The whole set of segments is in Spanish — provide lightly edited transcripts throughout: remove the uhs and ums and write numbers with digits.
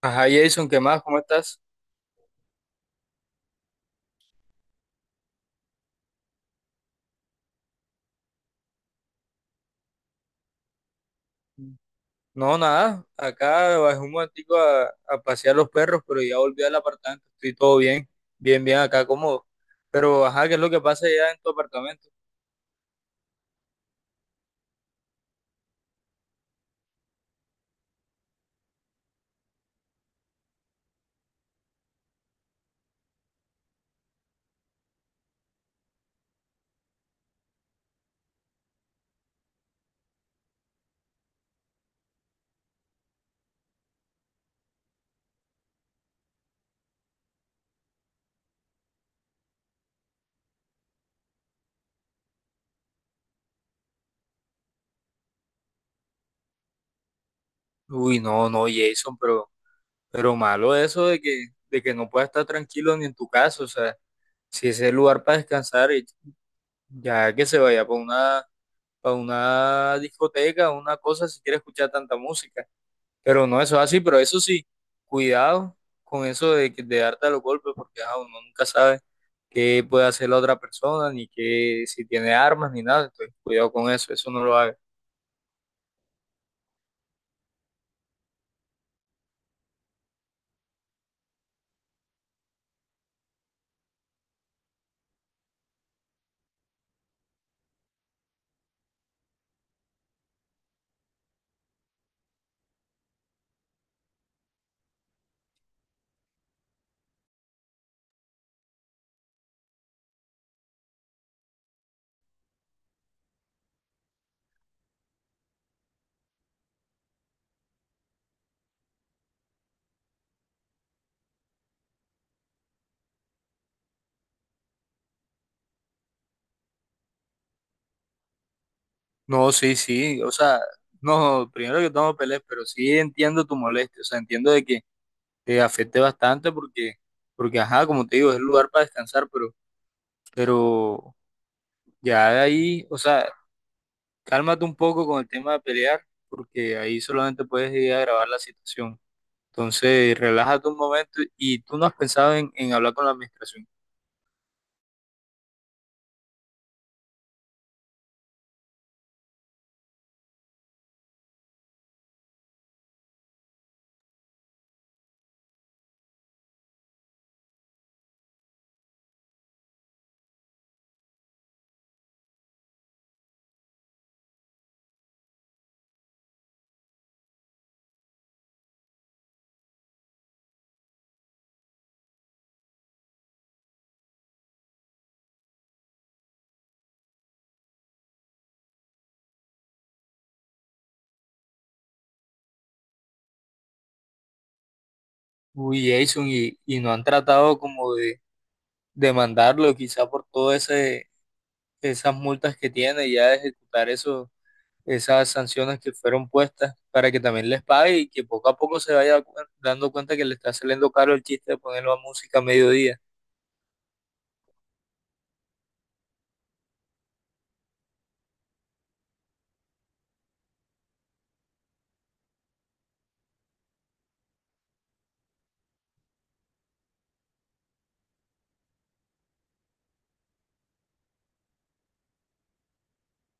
Ajá, Jason, ¿qué más? ¿Cómo estás? No, nada. Acá bajé un momentico a pasear los perros, pero ya volví al apartamento. Estoy todo bien, bien, bien acá, cómodo. Pero, ajá, ¿qué es lo que pasa ya en tu apartamento? Uy, no, no, Jason, pero malo eso de que no puedas estar tranquilo ni en tu casa. O sea, si ese es el lugar para descansar, y ya que se vaya para una discoteca, una cosa, si quiere escuchar tanta música. Pero no, eso es así, pero eso sí, cuidado con eso de darte a los golpes, porque ajá, uno nunca sabe qué puede hacer la otra persona, ni qué, si tiene armas, ni nada. Entonces, cuidado con eso, eso no lo hagas. No, sí, sí, o sea, no, primero que todo no pelees, pero sí entiendo tu molestia, o sea, entiendo de que te afecte bastante porque ajá, como te digo, es el lugar para descansar, pero ya de ahí, o sea, cálmate un poco con el tema de pelear, porque ahí solamente puedes ir a grabar la situación. Entonces, relájate un momento y tú no has pensado en hablar con la administración. Uy, Jason, y no han tratado como de demandarlo quizá por todas esas multas que tiene y ya de ejecutar eso, esas sanciones que fueron puestas para que también les pague y que poco a poco se vaya dando cuenta que le está saliendo caro el chiste de ponerlo a música a mediodía.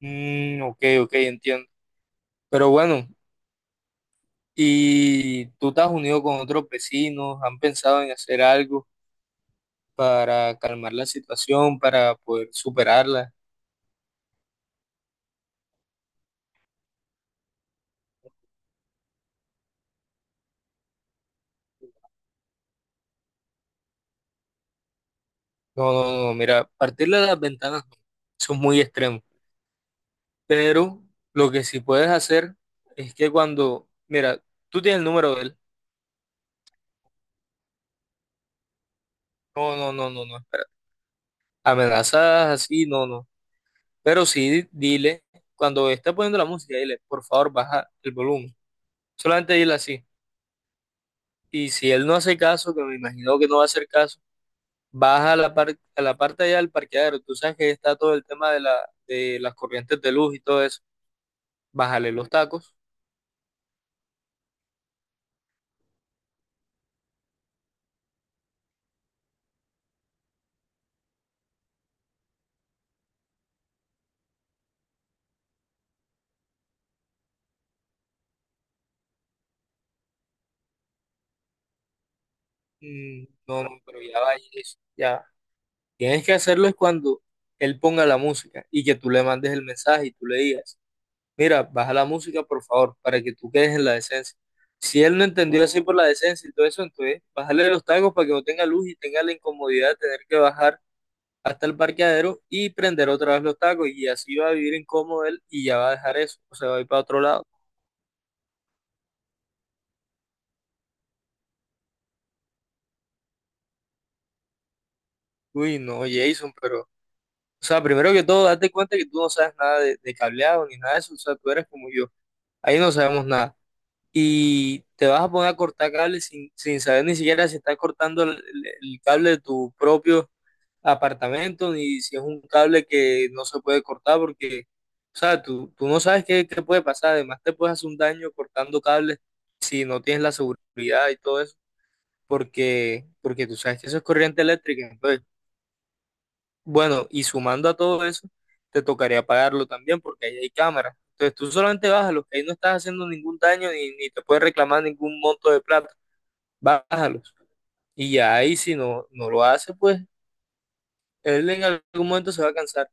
Mm, ok, ok, entiendo. Pero bueno, ¿y tú te has unido con otros vecinos? ¿Han pensado en hacer algo para calmar la situación, para poder superarla? No, no, no, mira, partirle las ventanas, no, eso es muy extremo. Pero lo que sí puedes hacer es que cuando, mira, tú tienes el número de él. No, no, no, no, no, espera. Amenazas así, no, no. Pero sí, dile, cuando esté poniendo la música, dile, por favor, baja el volumen. Solamente dile así. Y si él no hace caso, que me imagino que no va a hacer caso, vas a la parte allá del parqueadero, tú sabes que está todo el tema de las corrientes de luz y todo eso, bájale los tacos. Mm, no, no, pero ya vayas, ya, tienes que hacerlo es cuando él ponga la música y que tú le mandes el mensaje y tú le digas, mira, baja la música por favor, para que tú quedes en la decencia. Si él no entendió así por la decencia y todo eso, entonces bájale los tacos para que no tenga luz y tenga la incomodidad de tener que bajar hasta el parqueadero y prender otra vez los tacos y así va a vivir incómodo él y ya va a dejar eso, o sea, va a ir para otro lado. Uy, no, Jason, pero, o sea, primero que todo, date cuenta que tú no sabes nada de cableado ni nada de eso, o sea, tú eres como yo, ahí no sabemos nada. Y te vas a poner a cortar cables sin saber ni siquiera si estás cortando el cable de tu propio apartamento, ni si es un cable que no se puede cortar, porque, o sea, tú no sabes qué puede pasar. Además, te puedes hacer un daño cortando cables si no tienes la seguridad y todo eso, porque tú sabes que eso es corriente eléctrica. Entonces, bueno, y sumando a todo eso, te tocaría pagarlo también, porque ahí hay cámaras. Entonces, tú solamente bájalos, que ahí no estás haciendo ningún daño ni te puedes reclamar ningún monto de plata. Bájalos. Y ya ahí, si no, no lo hace, pues él en algún momento se va a cansar.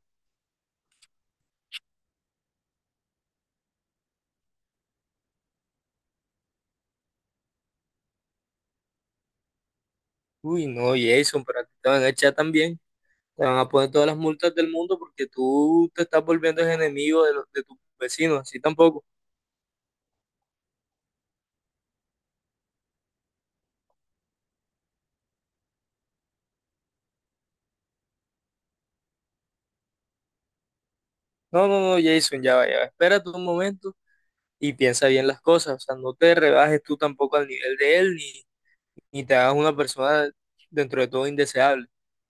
Uy, no, Jason, pero a ti te van a echar también. Te van a poner todas las multas del mundo porque tú te estás volviendo el enemigo de tus vecinos, así tampoco. No, no, no, Jason, ya va, ya va. Espérate un momento y piensa bien las cosas. O sea, no te rebajes tú tampoco al nivel de él ni te hagas una persona dentro de todo indeseable.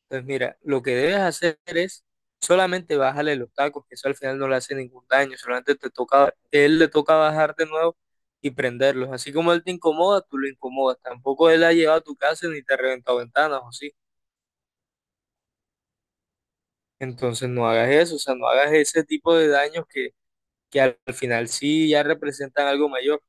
Pues mira, lo que debes hacer es solamente bajarle los tacos, que eso al final no le hace ningún daño, solamente te toca, él le toca bajar de nuevo y prenderlos. Así como él te incomoda, tú lo incomodas. Tampoco él ha llegado a tu casa ni te ha reventado ventanas o sí. Entonces no hagas eso, o sea, no hagas ese tipo de daños que al final sí ya representan algo mayor.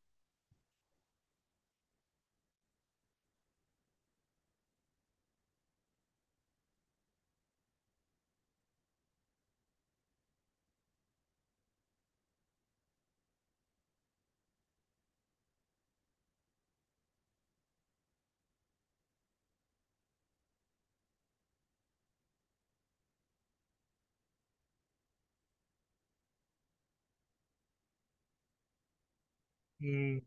Mm,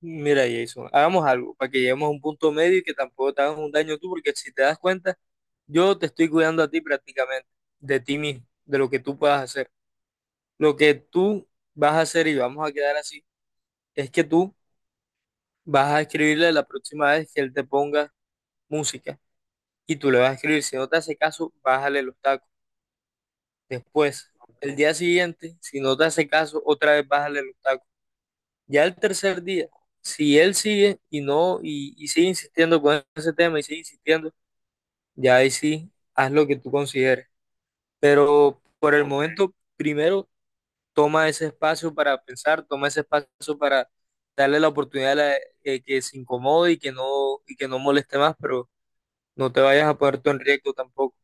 Mira, Jason, hagamos algo para que lleguemos a un punto medio y que tampoco te hagas un daño tú, porque si te das cuenta, yo te estoy cuidando a ti prácticamente, de ti mismo, de lo que tú puedas hacer. Lo que tú vas a hacer y vamos a quedar así, es que tú vas a escribirle la próxima vez que él te ponga música y tú le vas a escribir, si no te hace caso, bájale los tacos. Después, el día siguiente, si no te hace caso, otra vez bájale los tacos. Ya el tercer día, si él sigue y no, y sigue insistiendo con ese tema y sigue insistiendo, ya ahí sí, haz lo que tú consideres. Pero por el momento, primero toma ese espacio para pensar, toma ese espacio para darle la oportunidad que se incomode y que no moleste más, pero no te vayas a poner tú en riesgo tampoco.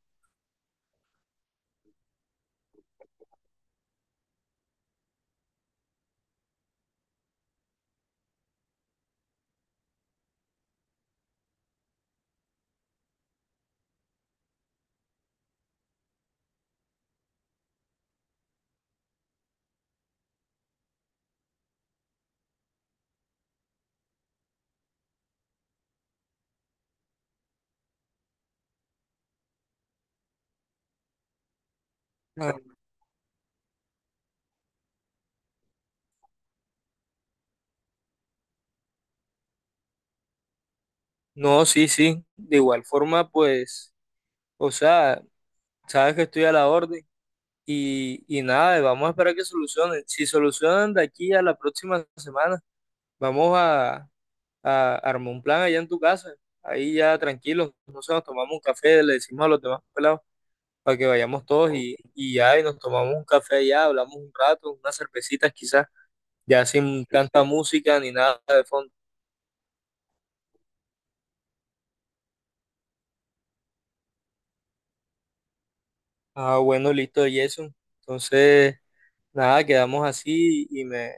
No, no, sí, sí. De igual forma, pues, o sea, sabes que estoy a la orden y nada, vamos a esperar que solucionen. Si solucionan de aquí a la próxima semana, vamos a armar un plan allá en tu casa. Ahí ya tranquilos, no sé, nos tomamos un café, le decimos a los demás pelados para que vayamos todos y ya, y nos tomamos un café allá, hablamos un rato, unas cervecitas quizás, ya sin tanta música ni nada de fondo. Ah, bueno, listo, Jason. Entonces, nada, quedamos así y me,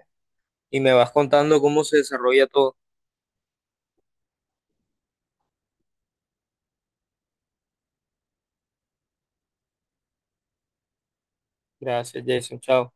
y me vas contando cómo se desarrolla todo. Gracias, Jason. Chao.